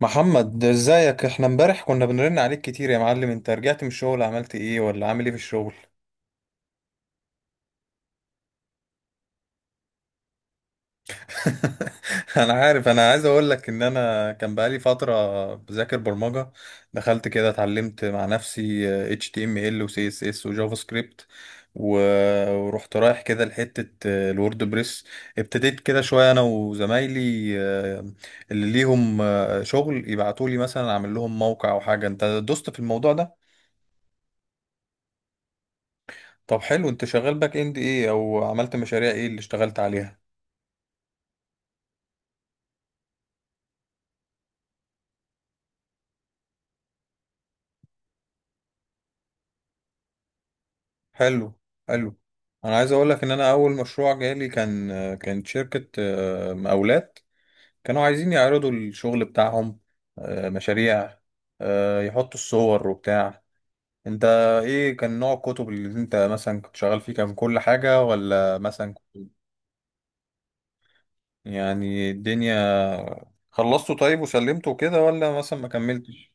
محمد ازيك، احنا امبارح كنا بنرن عليك كتير يا معلم. انت رجعت من الشغل عملت ايه ولا عامل ايه في الشغل؟ انا عارف، انا عايز اقول لك ان انا كان بقالي فترة بذاكر برمجة. دخلت كده اتعلمت مع نفسي HTML و CSS و جافا سكريبت و- ورحت رايح كده لحتة الووردبريس. ابتديت كده شوية انا وزمايلي، اللي ليهم شغل يبعتولي مثلا اعمل لهم موقع او حاجة. انت دوست في الموضوع ده؟ طب حلو، انت شغال باك اند ايه او عملت مشاريع ايه اللي اشتغلت عليها؟ حلو، حلو. انا عايز اقول لك ان انا اول مشروع جالي كان، كانت شركة مقاولات، كانوا عايزين يعرضوا الشغل بتاعهم، مشاريع، يحطوا الصور وبتاع. انت ايه كان نوع الكتب اللي انت مثلا كنت شغال فيه، كان كل حاجة ولا مثلا يعني الدنيا؟ خلصته طيب وسلمته كده ولا مثلا ما كملتش؟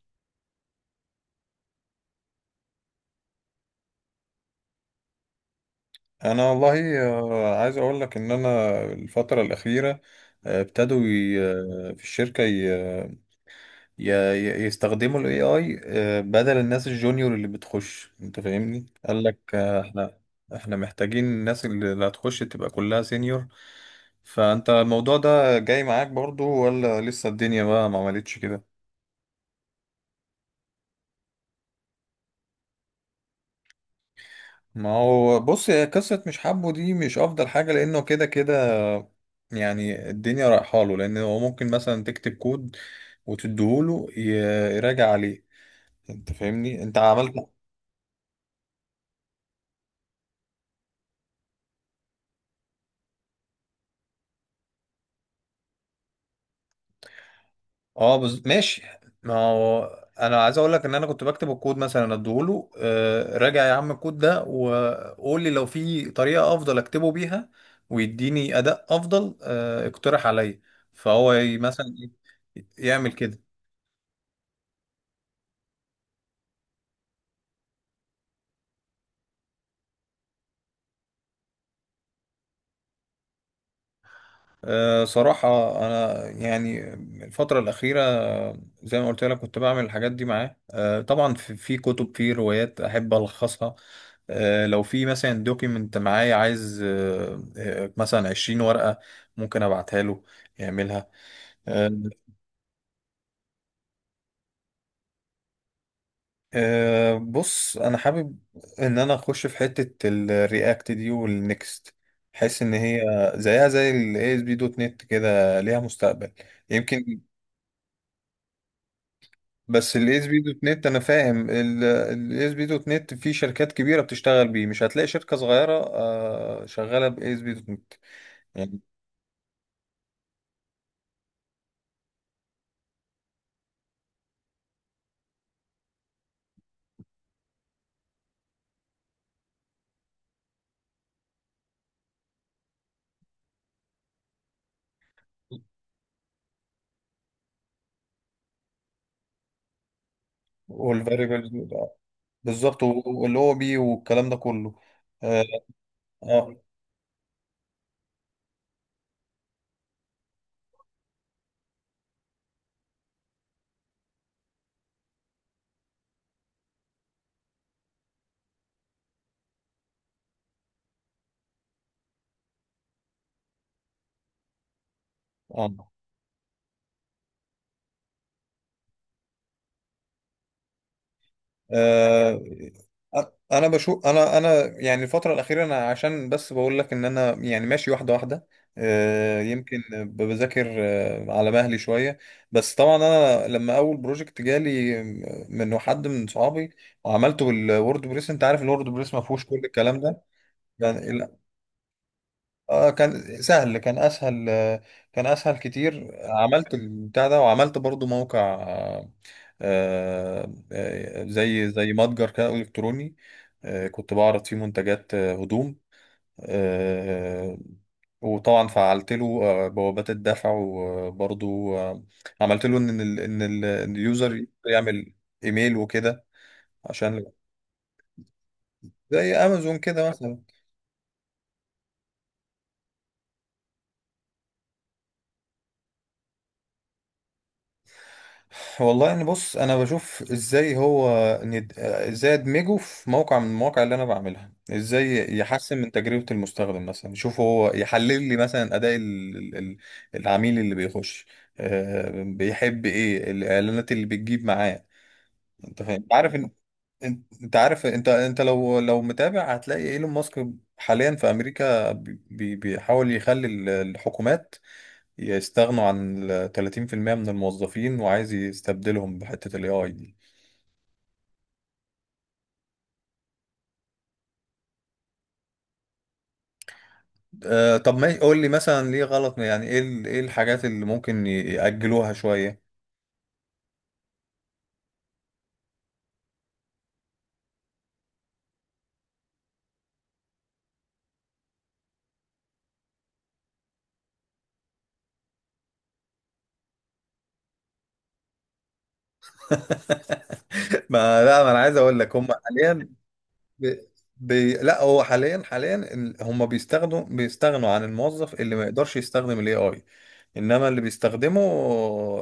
انا والله، عايز اقول لك ان انا الفتره الاخيره، ابتدوا في الشركه ي- يستخدموا الاي اي بدل الناس الجونيور اللي بتخش. انت فاهمني؟ قال لك احنا، احنا محتاجين الناس اللي هتخش تبقى كلها سينيور. فانت الموضوع ده جاي معاك برضو، ولا لسه الدنيا بقى ما عملتش كده؟ ما هو بص، هي قصة مش حابه دي مش أفضل حاجة، لأنه كده كده يعني الدنيا رايحة له. لأن هو ممكن مثلا تكتب كود وتديهوله يراجع عليه. أنت فاهمني؟ أنت عملت ماشي. ما هو أنا عايز أقول لك إن أنا كنت بكتب الكود مثلا أديهوله، راجع يا عم الكود ده وقول لي لو في طريقة أفضل أكتبه بيها ويديني أداء أفضل. اقترح عليا. فهو مثلا يعمل كده. أه صراحة أنا يعني الفترة الأخيرة، زي ما قلت لك كنت بعمل الحاجات دي معاه. أه طبعا في كتب، في روايات أحب ألخصها. أه لو في مثلا دوكيمنت معايا عايز، أه مثلا 20 ورقة، ممكن أبعتها له يعملها. أه. أه بص، أنا حابب إن أنا أخش في حتة الرياكت دي والنكست. حس إن هي زيها زي ASP.NET، كده ليها مستقبل يمكن. بس الاس بي دوت نت، انا فاهم الاس بي دوت نت في شركات كبيره بتشتغل بيه، مش هتلاقي شركه صغيره شغاله باس بي دوت نت يعني. والفاريبلز. بالظبط، واللي هو بيه والكلام ده كله. اه. اه. آه. آه، انا بشوف، انا يعني الفتره الاخيره انا، عشان بس بقول لك ان انا يعني ماشي واحده واحده. يمكن بذاكر على مهلي شويه. بس طبعا انا لما اول بروجكت جالي من حد من صحابي وعملته بالوورد بريس، انت عارف الوورد بريس ما فيهوش كل الكلام ده. يعني اه كان سهل، كان اسهل، كان اسهل كتير. عملت البتاع ده وعملت برضو موقع، زي متجر كده إلكتروني. كنت بعرض فيه منتجات، هدوم، آه، وطبعا فعلت له بوابات الدفع وبرضو عملت له ان إن اليوزر يعمل ايميل وكده، عشان زي امازون كده مثلا. والله يعني بص، انا بشوف ازاي هو ازاي ادمجه في موقع من المواقع اللي انا بعملها، ازاي يحسن من تجربة المستخدم مثلا. يشوف هو، يحلل لي مثلا اداء العميل اللي بيخش، بيحب ايه، الاعلانات اللي بتجيب معاه. انت فاهم، انت عارف ان، انت أنت عارف، انت لو، لو متابع هتلاقي ايلون ماسك حاليا في امريكا بيحاول يخلي الحكومات يستغنوا عن ال 30% من الموظفين، وعايز يستبدلهم بحتة ال AI دي. آه طب ما قول لي مثلا ليه غلط، يعني ايه ايه الحاجات اللي ممكن يأجلوها شوية؟ ما انا عايز اقول لك هم حاليا ب... لا، هو حاليا حاليا هم بيستخدموا، بيستغنوا عن الموظف اللي ما يقدرش يستخدم الاي اي. انما اللي بيستخدمه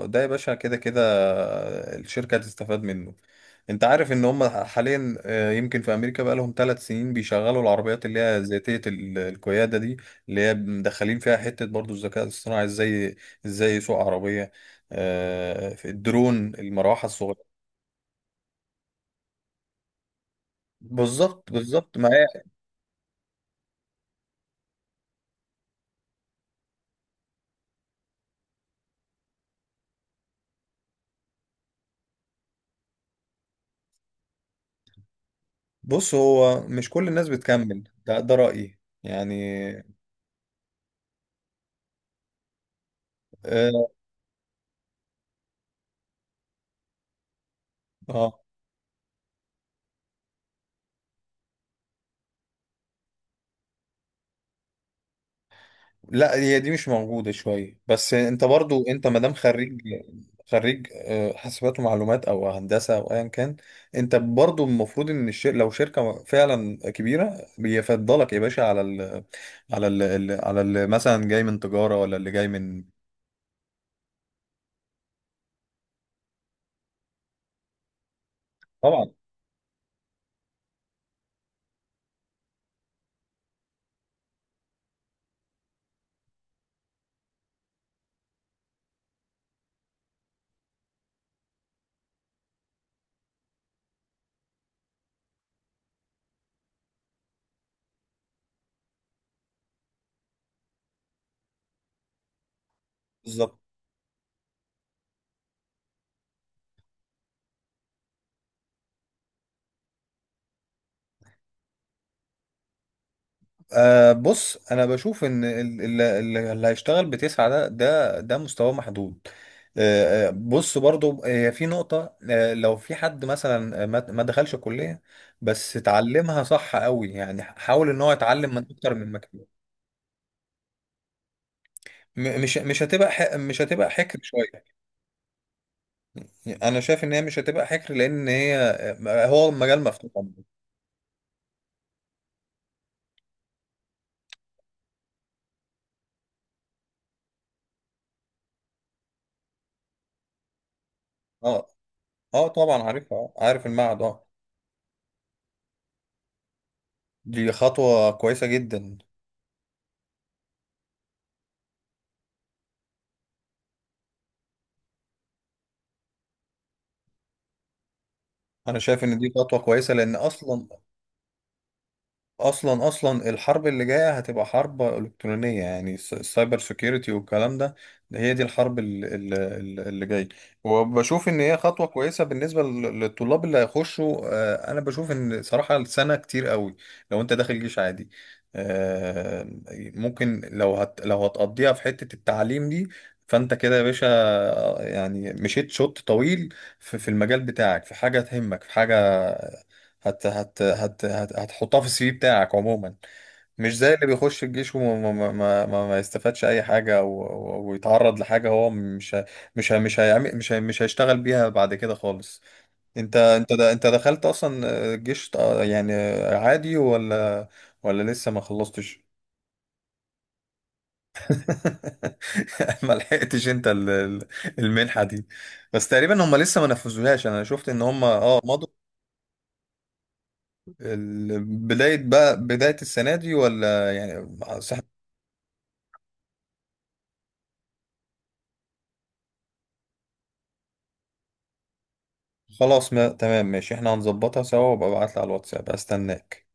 ده يا باشا كده كده الشركة هتستفاد منه. انت عارف ان هم حاليا، يمكن في امريكا بقى لهم 3 سنين بيشغلوا العربيات اللي هي ذاتية القيادة دي، اللي هي مدخلين فيها حتة برضو الذكاء الاصطناعي، ازاي ازاي يسوق عربية. في الدرون، المروحة الصغيرة. بالظبط، بالظبط. ما بص، هو مش كل الناس بتكمل ده، ده رأيي يعني. اه. آه. لا هي دي مش موجودة شوية، بس انت برضو انت مادام خريج، خريج حاسبات ومعلومات او هندسة او ايا كان، انت برضو المفروض ان لو شركة فعلا كبيرة بيفضلك يا باشا على مثلا جاي من تجارة ولا اللي جاي من. طبعا. بالظبط. أه بص، انا بشوف ان اللي هيشتغل بـ 9 ده، ده ده مستواه محدود. أه بص برضو هي في نقطة، أه لو في حد مثلا ما دخلش الكلية بس اتعلمها صح قوي، يعني حاول ان هو يتعلم من اكتر من مكان. مش هتبقى مش هتبقى حكر شوية. يعني انا شايف ان هي مش هتبقى حكر، لان هي هو مجال مفتوح عموماً. اه. اه طبعا عارفها، عارف المعهد. اه. دي خطوة كويسة جدا. انا شايف ان دي خطوه كويسه، لان اصلا، اصلا اصلا الحرب اللي جايه هتبقى حرب الكترونيه، يعني السايبر سيكيورتي والكلام ده، ده هي دي الحرب اللي جايه. وبشوف ان هي خطوه كويسه بالنسبه للطلاب اللي هيخشوا. انا بشوف ان صراحه السنه كتير قوي لو انت داخل جيش عادي. آه، ممكن لو هت، لو هتقضيها في حته التعليم دي، فانت كده يا باشا يعني مشيت شوط طويل في في المجال بتاعك، في حاجه تهمك، في حاجه هت هت هت هت هتحطها في السي في بتاعك عموما. مش زي اللي بيخش الجيش وما ما ما ما ما يستفادش اي حاجه، ويتعرض لحاجه هو مش ه- مش ه- مش هيعمل مش ه- مش هيشتغل بيها بعد كده خالص. انت دخلت اصلا الجيش يعني عادي، ولا، ولا لسه ما خلصتش؟ ما لحقتش انت المنحه دي. بس تقريبا هم لسه ما نفذوهاش، انا شفت ان هم اه مضوا بداية، بقى بداية السنة دي ولا يعني؟ صح. خلاص ما تمام ماشي، احنا هنظبطها سوا. وابقى ابعتلي على الواتساب، استناك.